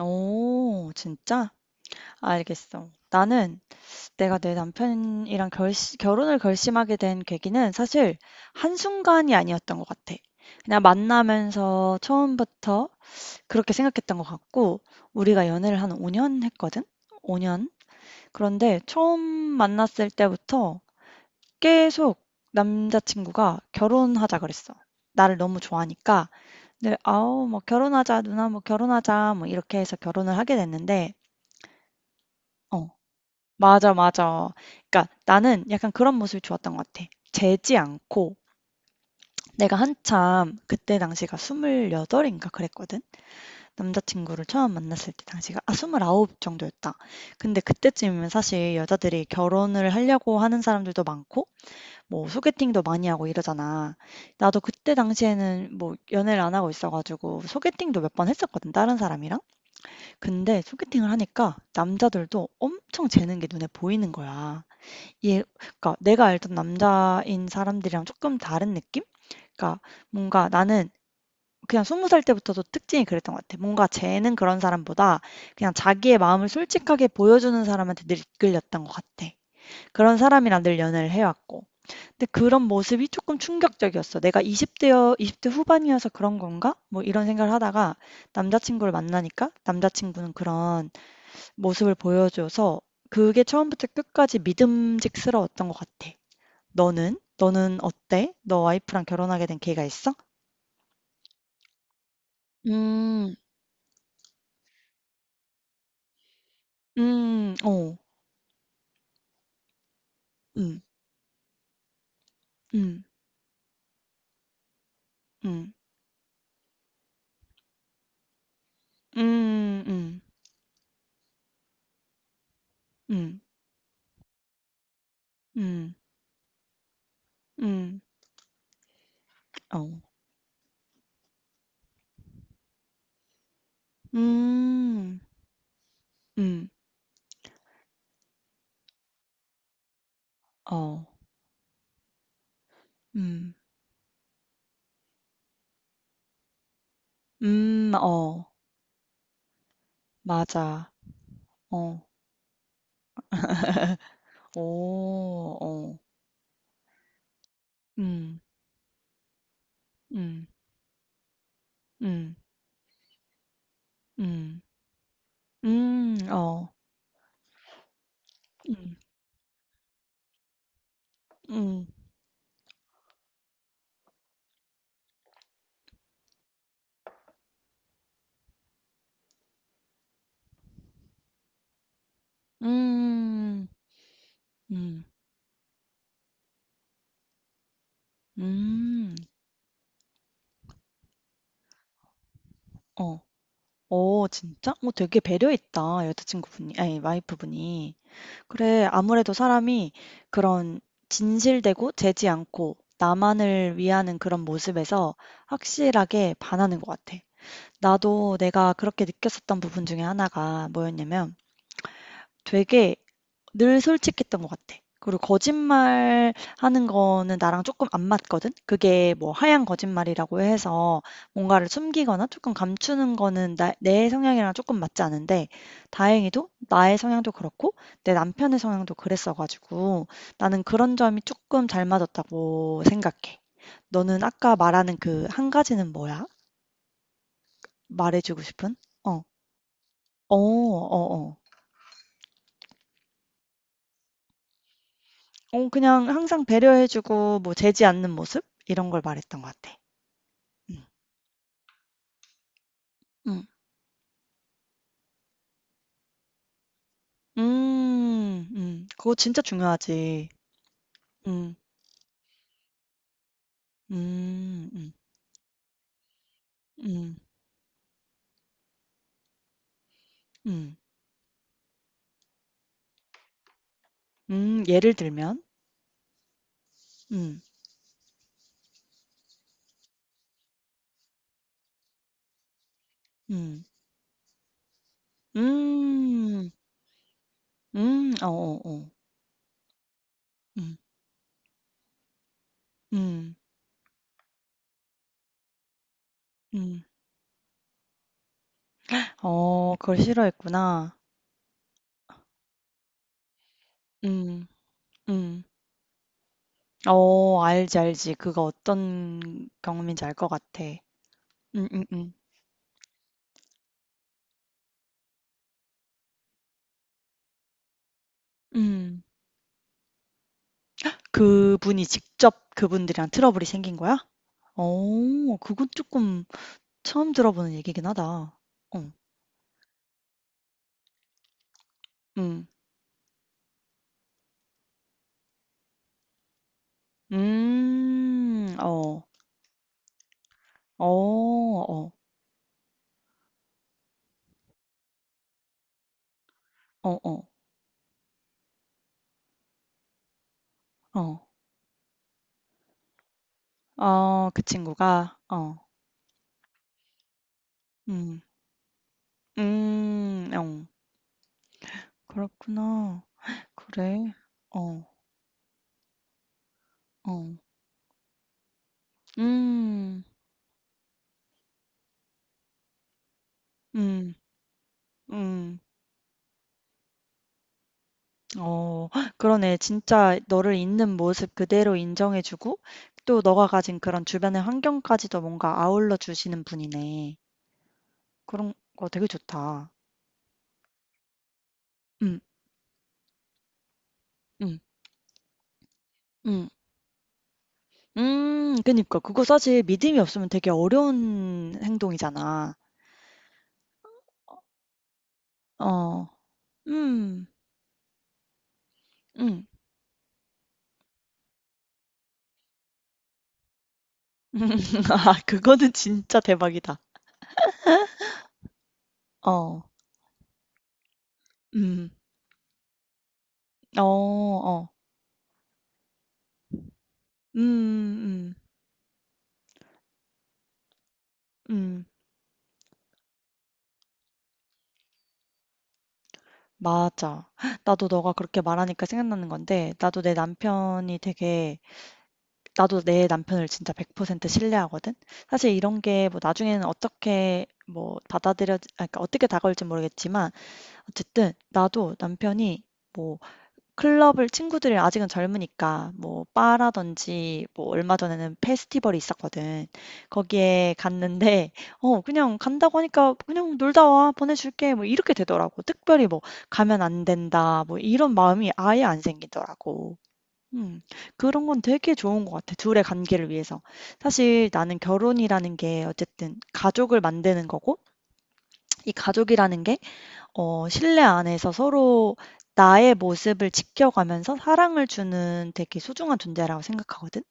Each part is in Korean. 오 진짜? 알겠어. 나는 내가 내 남편이랑 결혼을 결심하게 된 계기는 사실 한순간이 아니었던 것 같아. 그냥 만나면서 처음부터 그렇게 생각했던 것 같고, 우리가 연애를 한 5년 했거든? 5년? 그런데 처음 만났을 때부터 계속 남자친구가 결혼하자 그랬어. 나를 너무 좋아하니까 늘 아우 뭐 결혼하자 누나 뭐 결혼하자 뭐 이렇게 해서 결혼을 하게 됐는데 어, 맞아, 맞아. 그러니까 나는 약간 그런 모습이 좋았던 것 같아. 재지 않고 내가 한참 그때 당시가 28인가 그랬거든. 남자친구를 처음 만났을 때 당시가 아, 29 정도였다. 근데 그때쯤이면 사실 여자들이 결혼을 하려고 하는 사람들도 많고 뭐 소개팅도 많이 하고 이러잖아. 나도 그때 당시에는 뭐 연애를 안 하고 있어가지고 소개팅도 몇 번 했었거든. 다른 사람이랑. 근데 소개팅을 하니까 남자들도 엄청 재는 게 눈에 보이는 거야. 예. 그러니까 내가 알던 남자인 사람들이랑 조금 다른 느낌? 그러니까 뭔가 나는 그냥 스무 살 때부터도 특징이 그랬던 것 같아. 뭔가 쟤는 그런 사람보다 그냥 자기의 마음을 솔직하게 보여주는 사람한테 늘 이끌렸던 것 같아. 그런 사람이랑 늘 연애를 해 왔고. 근데 그런 모습이 조금 충격적이었어. '내가 이십 대여 20대 후반이어서 그런 건가?' 뭐 이런 생각을 하다가 남자 친구를 만나니까 남자 친구는 그런 모습을 보여줘서 그게 처음부터 끝까지 믿음직스러웠던 것 같아. 너는? 너는 어때? 너 와이프랑 결혼하게 된 계획이 있어? 음. 음. 어. 음. 음. 음. 음. 음. 음. 음. 음. 어. 음. 음. 어. 음. 음. 어. 맞아. 어. 오. 어. 음. 음. 음. 음. 음. 어. 음. 음. 음. 음. 음. 어. 어 진짜? 어 되게 배려있다. 여자친구분이 아니 와이프분이. 그래 아무래도 사람이 그런 진실되고 재지 않고 나만을 위하는 그런 모습에서 확실하게 반하는 것 같아. 나도 내가 그렇게 느꼈었던 부분 중에 하나가 뭐였냐면 되게 늘 솔직했던 것 같아. 그리고 거짓말 하는 거는 나랑 조금 안 맞거든? 그게 뭐 하얀 거짓말이라고 해서 뭔가를 숨기거나 조금 감추는 거는 나, 내 성향이랑 조금 맞지 않은데 다행히도 나의 성향도 그렇고 내 남편의 성향도 그랬어가지고 나는 그런 점이 조금 잘 맞았다고 생각해. 너는 아까 말하는 그 한 가지는 뭐야? 말해주고 싶은? 어, 어, 어, 어. 어, 그냥 항상 배려해주고 뭐 재지 않는 모습? 이런 걸 말했던 것 같아. 음. 음. 음. 그거 진짜 중요하지. 음. 음. 음. 음. 음. 음. 예를 들면? 음. 음. 음. 음. 어어어. 음. 음. 음. 어 그걸 싫어했구나. 음. 음. 어 알지, 알지. 그거 어떤 경험인지 알 것 같아. 음. 음. 음. 그분이 직접 그분들이랑 트러블이 생긴 거야? 어 그건 조금 처음 들어보는 얘기긴 하다. 어. 음. 음. 어. 어. 어. 어어. 어. 아 그 친구가? 어. 음. 음. 어. 그렇구나. 그래. 어. 어. 음. 음. 음. 어. 그러네. 진짜 너를 있는 모습 그대로 인정해 주고 또 너가 가진 그런 주변의 환경까지도 뭔가 아울러 주시는 분이네. 그런 거 되게 좋다. 음. 음. 음. 그니까. 그거 사실 믿음이 없으면 되게 어려운 행동이잖아. 어. 음. 음. 아 그거는 진짜 대박이다. 어. 음. 어 어. 음음음. 음. 맞아. 나도 너가 그렇게 말하니까 생각나는 건데 나도 내 남편이 되게 나도 내 남편을 진짜 100% 신뢰하거든. 사실 이런 게 뭐 나중에는 어떻게 뭐 받아들여 아 그러니까 어떻게 다가올지 모르겠지만 어쨌든 나도 남편이 뭐 클럽을 친구들이 아직은 젊으니까 뭐 바라든지 뭐 얼마 전에는 페스티벌이 있었거든. 거기에 갔는데 어 그냥 "간다고 하니까 그냥 놀다 와. 보내줄게." 뭐 이렇게 되더라고. 특별히 뭐 '가면 안 된다.' 뭐 이런 마음이 아예 안 생기더라고. 음. 그런 건 되게 좋은 것 같아, 둘의 관계를 위해서. 사실 나는 결혼이라는 게 어쨌든 가족을 만드는 거고 이 가족이라는 게 어 실내 안에서 서로 나의 모습을 지켜가면서 사랑을 주는 되게 소중한 존재라고 생각하거든.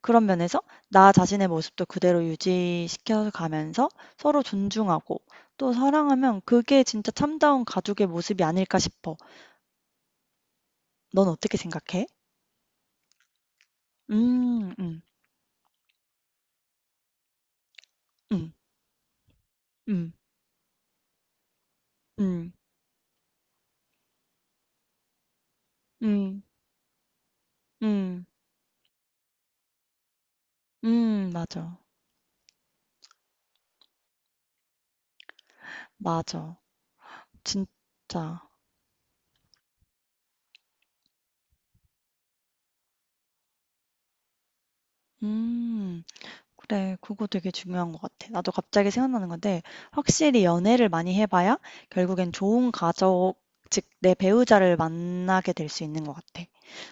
그런 면에서 나 자신의 모습도 그대로 유지시켜 가면서 서로 존중하고 또 사랑하면 그게 진짜 참다운 가족의 모습이 아닐까 싶어. 넌 어떻게 생각해? 음. 음. 음. 음. 음. 음. 음. 음. 맞아. 맞아. 진짜. 음. 그래, 그거 되게 중요한 것 같아. 나도 갑자기 생각나는 건데, 확실히 연애를 많이 해봐야 결국엔 좋은 가족, 즉, 내 배우자를 만나게 될 수 있는 것 같아.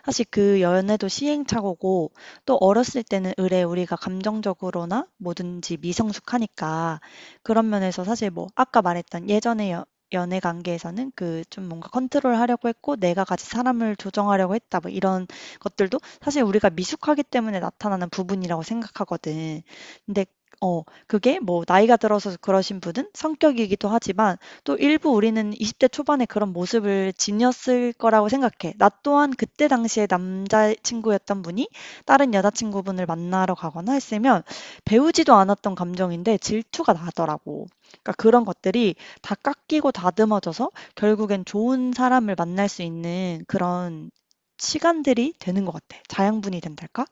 사실 그 연애도 시행착오고, 또 어렸을 때는 으레 우리가 감정적으로나 뭐든지 미성숙하니까, 그런 면에서 사실 뭐, 아까 말했던 예전의 연애 관계에서는 그 좀 뭔가 컨트롤 하려고 했고, 내가 같이 사람을 조정하려고 했다, 뭐 이런 것들도 사실 우리가 미숙하기 때문에 나타나는 부분이라고 생각하거든. 근데 어 그게 뭐 나이가 들어서 그러신 분은 성격이기도 하지만 또 일부 우리는 20대 초반에 그런 모습을 지녔을 거라고 생각해. 나 또한 그때 당시에 남자 친구였던 분이 다른 여자 친구분을 만나러 가거나 했으면 배우지도 않았던 감정인데 질투가 나더라고. 그러니까 그런 것들이 다 깎이고 다듬어져서 결국엔 좋은 사람을 만날 수 있는 그런 시간들이 되는 것 같아. 자양분이 된달까?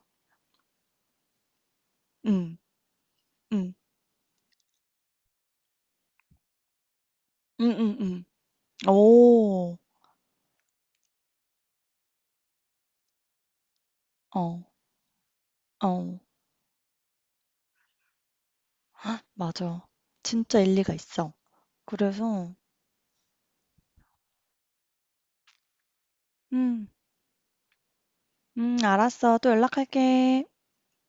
음. 음. 음음 오 어. 어. 맞아. 진짜 일리가 있어. 그래서 음. 알았어. 또 연락할게.